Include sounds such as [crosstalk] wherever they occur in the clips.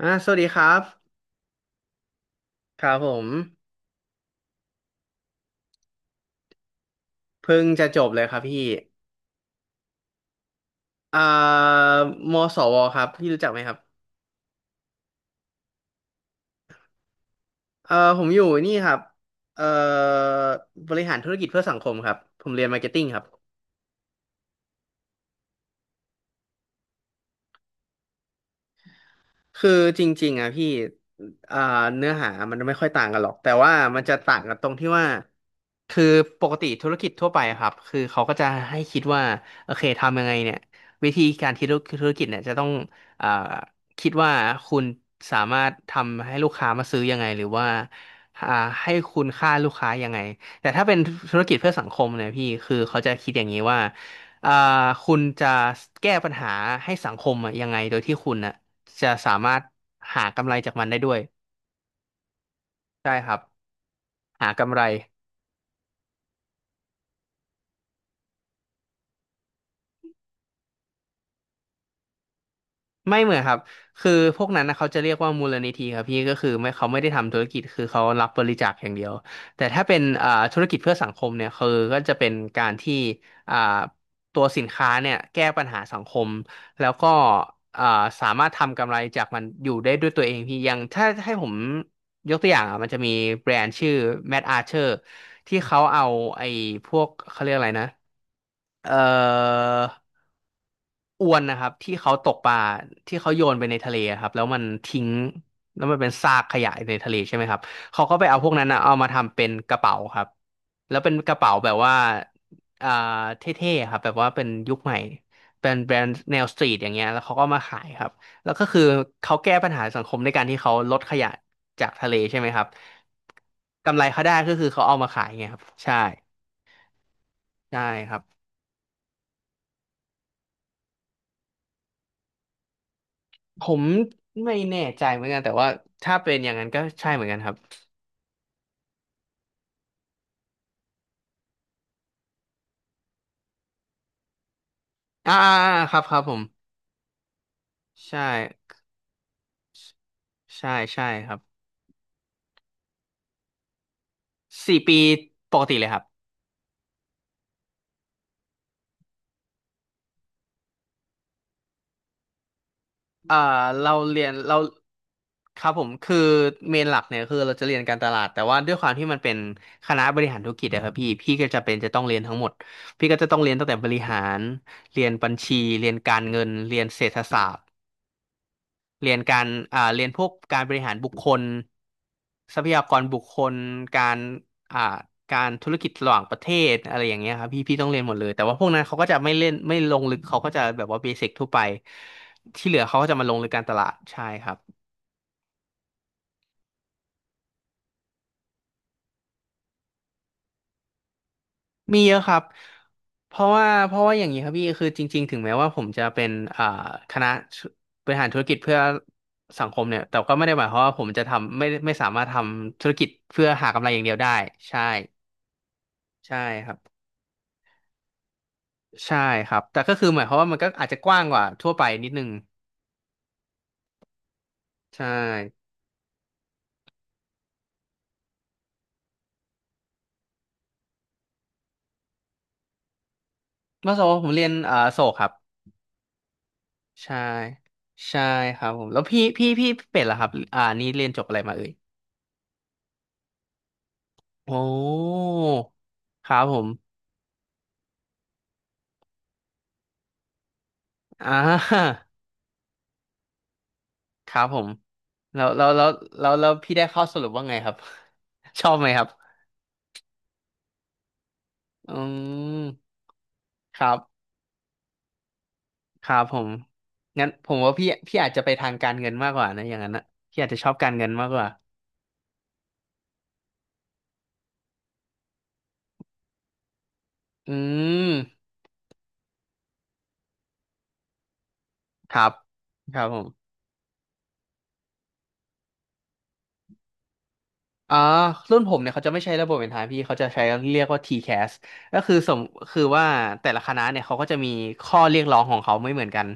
สวัสดีครับครับผมเพิ่งจะจบเลยครับพี่อ่ามสวครับพี่รู้จักไหมครับผมอยู่นี่ครับเอ่อบริหารธุรกิจเพื่อสังคมครับผมเรียนมาร์เก็ตติ้งครับ คือจริงๆอ่ะพี่อ่าเนื้อหามันไม่ค่อยต่างกันหรอกแต่ว่ามันจะต่างกันตรงที่ว่า คือปกติธุรกิจทั่วไปอะครับคือเขาก็จะให้คิดว่าโอเคทำยังไงเนี่ยวิธีการคิดธุรกิจเนี่ยจะต้องอ่าคิดว่าคุณสามารถทำให้ลูกค้ามาซื้อยังไงหรือว่าอ่าให้คุณค่าลูกค้ายังไงแต่ถ้าเป็นธุรกิจเพื่อสังคมเนี่ยพี่คือเขาจะคิดอย่างนี้ว่าอ่าคุณจะแก้ปัญหาให้สังคมอะยังไงโดยที่คุณนะ จะสามารถหากำไรจากมันได้ด้วยใช่ครับหากำไรไม่เหมือนครับคือพวกนั้นนะเขาจะเรียกว่ามูลนิธิครับพี่ก็คือไม่เขาไม่ได้ทำธุรกิจคือเขารับบริจาคอย่างเดียวแต่ถ้าเป็นธุรกิจเพื่อสังคมเนี่ยคือก็จะเป็นการที่อ่าตัวสินค้าเนี่ยแก้ปัญหาสังคมแล้วก็อ่าสามารถทำกำไรจากมันอยู่ได้ด้วยตัวเองพี่อยังถ้าให้ผมยกตัวอย่างอ่ะมันจะมีแบรนด์ชื่อ Mad Archer ที่เขาเอาไอ้พวกเขาเรียกอะไรนะ เอ่ออวนนะครับที่เขาตกปลาที่เขาโยนไปในทะเลครับแล้วมันทิ้งแล้วมันเป็นซากขยะในทะเลใช่ไหมครับเขาก็ไปเอาพวกนั้นนะเอามาทำเป็นกระเป๋าครับแล้วเป็นกระเป๋าแบบว่าอ่าเท่ๆครับแบบว่าเป็นยุคใหม่เป็นแบรนด์แนวสตรีทอย่างเงี้ยแล้วเขาก็มาขายครับแล้วก็คือเขาแก้ปัญหาสังคมด้วยการที่เขาลดขยะจากทะเลใช่ไหมครับกำไรเขาได้ก็คือเขาเอามาขายไงครับใช่ใช่ครับ ผมไม่แน่ใจเหมือนกันแต่ว่าถ้าเป็นอย่างนั้นก็ใช่เหมือนกันครับอ่าๆๆครับครับผมใช่ใช่ใช่ครับสี่ปีปกติเลยครับเอ่อเราเรียนเราครับผมคือเมนหลักเนี่ยคือเราจะเรียนการตลาดแต่ว่าด้วยความที่มันเป็นคณะบริหารธุรกิจอะครับพี่พี่ก็จะเป็นจะต้องเรียนทั้งหมดพี่ก็จะต้องเรียนตั้งแต่บริหารเรียนบัญชีเรียนการเงินเรียนเศรษฐศาสตร์ เรียนการเรียนพวกการบริหารบุคคลทรัพยากรบุคคลการอ่าการธุรกิจระหว่างประเทศอะไรอย่างเงี้ยครับพี่พี่ต้องเรียนหมดเลยแต่ว่าพวกนั้นเขาก็จะไม่เล่นไม่ลงลึกเขาก็จะแบบว่าเบสิกทั่วไปที่เหลือเขาก็จะมาลงลึกการตลาดใช่ครับมีเยอะครับเพราะว่าเพราะว่าอย่างนี้ครับพี่คือจริงๆถึงแม้ว่าผมจะเป็นอ่าคณะบริหารธุรกิจเพื่อสังคมเนี่ยแต่ก็ไม่ได้หมายความว่าผมจะทำไม่สามารถทำธุรกิจเพื่อหากำไรอย่างเดียวได้ใช่ ใช่ครับใช่ครับแต่ก็คือหมายความว่ามันก็อาจจะกว้างกว่าทั่วไปนิดนึงใช่เมื่อสมมติผมเรียนโศกครับใช่ใช่ครับผมแล้วพี่เป็ดล่ะครับอ่านี่เรียนจบอะไรมาเอ่ยโอ้ครับผมอ่าครับผมแล้วแล้วแล้วแล้วพี่ได้ข้อสรุปว่าไงครับ [laughs] ชอบไหมครับอืมครับครับผมงั้นผมว่าพี่พี่อาจจะไปทางการเงินมากกว่านะอย่างนั้นนะพี่อาจจะชอบการเงินมากกว่าอืม ครับครับผมอ่ารุ่นผมเนี่ยเขาจะไม่ใช้ระบบเป็นทางพี่เขาจะใช้เรียกว่า TCAS ก็คือคือว่าแต่ละคณะเนี่ยเขาก็จะมีข้อเรียกร้องของเขาไม่เหมือนกัน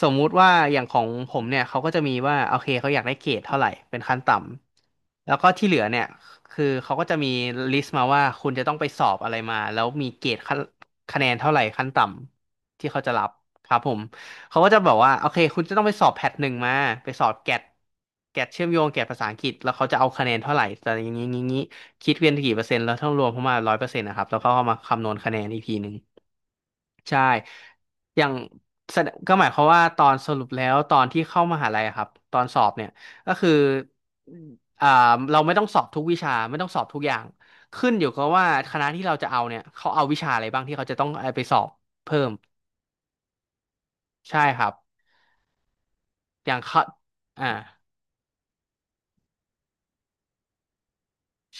สมมุติว่าอย่างของผมเนี่ยเขาก็จะมีว่าโอเคเขาอยากได้เกรดเท่าไหร่เป็นขั้นต่ำแล้วก็ที่เหลือเนี่ยคือเขาก็จะมีลิสต์มาว่าคุณจะต้องไปสอบอะไรมาแล้วมีเกรดขั้นคะแนนเท่าไหร่ขั้นต่ำที่เขาจะรับครับผม เขาก็จะบอกว่าโอเคคุณจะต้องไปสอบแพทหนึ่งมาไปสอบแกดเชื่อมโยงแกดภาษาอังกฤษแล้วเขาจะเอาคะแนนเท่าไหร่แต่อย่างนี้งี้คิดเป็นกี่เปอร์เซ็นต์แล้วต้องรวมเข้ามาร้อยเปอร์เซ็นต์นะครับแล้วก็เอามาคำนวณคะแนนอีกทีหนึ่งใช่อย่างแสดก็หมายความว่าตอนสรุปแล้วตอนที่เข้ามหาลัยอะครับตอนสอบเนี่ยก็คืออ่าเราไม่ต้องสอบทุกวิชาไม่ต้องสอบทุกอย่างขึ้นอยู่กับว่าคณะที่เราจะเอาเนี่ยเขาเอาวิชาอะไรบ้างที่เขาจะต้องเอาไปสอบเพิ่มใช่ครับ อย่างเขาอ่า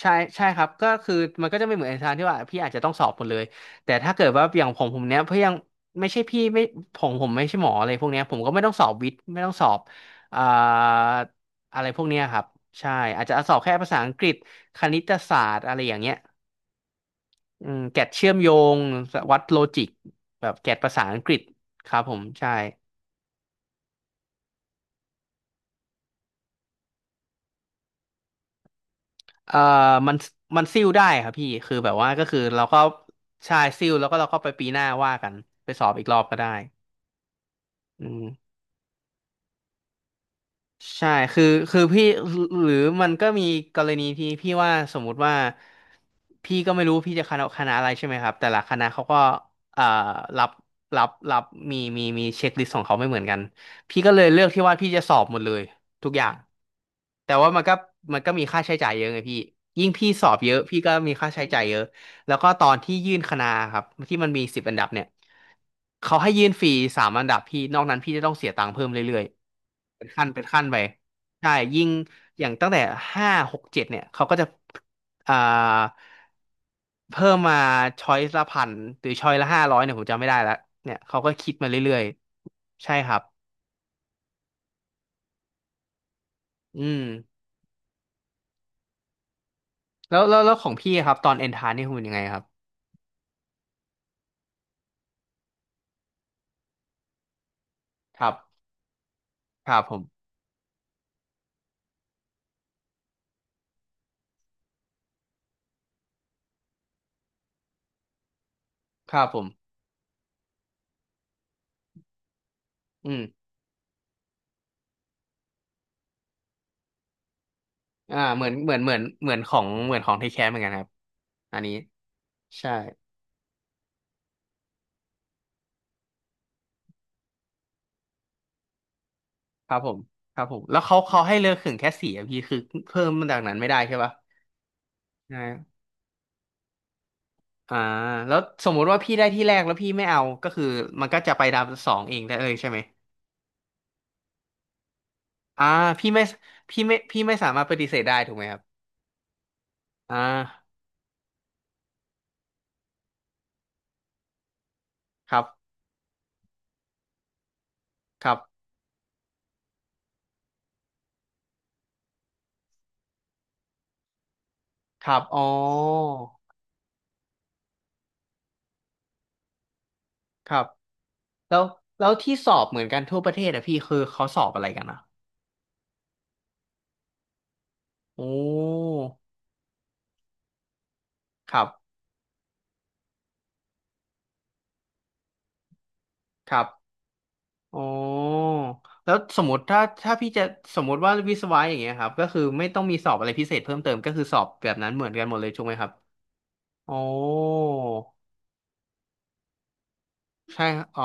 ใช่ใช่ครับก็คือมันก็จะไม่เหมือนอาจารย์ที่ว่าพี่อาจจะต้องสอบหมดเลยแต่ถ้าเกิดว่าอย่างผมเนี้ยเพื่อยังไม่ใช่พี่ไม่ผมไม่ใช่หมออะไรพวกเนี้ยผมก็ไม่ต้องสอบวิทย์ไม่ต้องสอบอ่าอะไรพวกเนี้ยครับใช่อาจจะสอบแค่ภาษาอังกฤษคณิตศาสตร์อะไรอย่างเงี้ยอืมแกดเชื่อมโยงวัดโลจิกแบบแกดภาษาอังกฤษครับผมใช่ เอ่อมันมันซิ่วได้ครับพี่คือแบบว่าก็คือเราก็ใช่ซิ่วแล้วก็เราก็ไปปีหน้าว่ากันไปสอบอีกรอบก็ได้อืมใช่คือพี่หรือมันก็มีกรณีที่พี่ว่าสมมุติว่าพี่ก็ไม่รู้พี่จะคณะอะไรใช่ไหมครับแต่ละคณะเขาก็เอ่อรับรับมีเช็คลิสต์ของเขาไม่เหมือนกันพี่ก็เลยเลือกที่ว่าพี่จะสอบหมดเลยทุกอย่างแต่ว่ามันก็มีค่าใช้จ่ายเยอะไงพี่ยิ่งพี่สอบเยอะพี่ก็มีค่าใช้จ่ายเยอะ แล้วก็ตอนที่ยื่นคณะครับที่มันมีสิบอันดับเนี่ยเขาให้ยื่นฟรีสามอันดับพี่นอกนั้นพี่จะต้องเสียตังค์เพิ่มเรื่อยๆเป็นขั้นไปใช่ยิ่งอย่างตั้งแต่ห้าหกเจ็ดเนี่ยเขาก็จะอ่าเพิ่มมาช้อยละพันหรือช้อยละห้าร้อยเนี่ยผมจำไม่ได้แล้วเนี่ยเขาก็คิดมาเรื่อยๆใช่ครับอืมแล้วของพี่ครับตอนเอนทานนี่คุณเป็นยังไงครับครับครับผมครับผมอืม อ่าเหมือนเหมือนเหมือนเหมือนของเหมือนของทคแคสเหมือนกันครับอันนี้ใช่ครับผมครับผมแล้วเขาให้เลือกขึงแค่สี่อะพี่คือเพิ่มมาจากนั้นไม่ได้ใช่ปะใช่อ่าแล้วสมมุติว่าพี่ได้ที่แรกแล้วพี่ไม่เอาก็คือมันก็จะไปดาวสองเองได้เลยใช่ไหมอ่าพี่ไม่พี่ไม่สามารถปฏิเสธได้ถูกไหมครับอ่าครับครับครับอ๋อครับแล้วแล้วที่สอบเหมือนกันทั่วประเทศอะพี่คือเขาสอบอะไรกันอะโอ้ครับครับ อ๋อแล้วสมมติถ้าพี่จะสมมติว่าวิศวะอย่างเงี้ยครับก็คือไม่ต้องมีสอบอะไรพิเศษเพิ่มเติมก็คือสอบแบบนั้นเหมือนกันหมดเลยถูกไหมครับอ๋อใช่ครับอ๋อ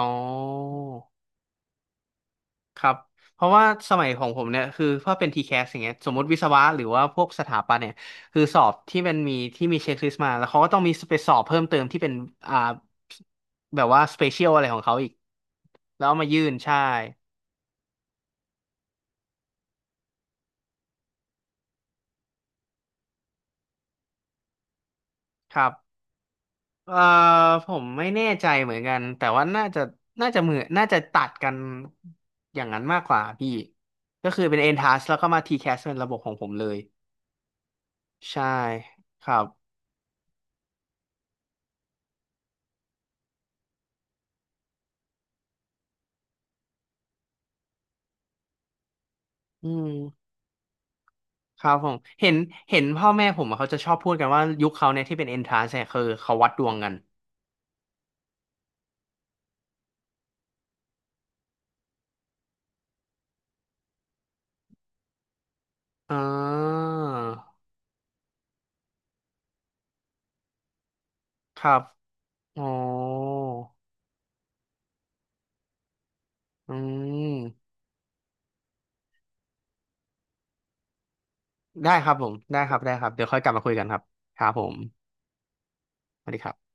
ครับเพราะว่าสมัยของผมเนี่ยคือถ้าเป็นทีแค s อย่างเงี้ยสมมติวิศวะหรือว่าพวกสถาปัตย์เนี่ยคือสอบที่มันมีที่มีเช็คลิสต์มาแล้วเขาก็ต้องมีไปสอบเพิ่มเติมที่เป็นอ่าแบบว่าสเปเชียลอะไรของเขาอีกแล้วเอามายื่นใช่ครับ เอ่อผมไม่แน่ใจเหมือนกันแต่ว่าน่าจะตัดกันอย่างนั้นมากกว่าพี่ก็คือเป็น N-TAS แล้วก็มา T-CAS เป็นระบบของผมเลยใช่ครับอืมครับผมเห็นเห็นพ่อแม่ผมอะเขาจะชอบพูดกันว่ายุคเขาเนี่ยที่เป็น N-TAS เนี่ยคือเขาวัดดวงกันอ่าครับอ๋ออืมได้ครับผมได้ครับได้ครับเดี๋ยวค่อยกลับมาคุยกันครับครับผมสวัสดีครับ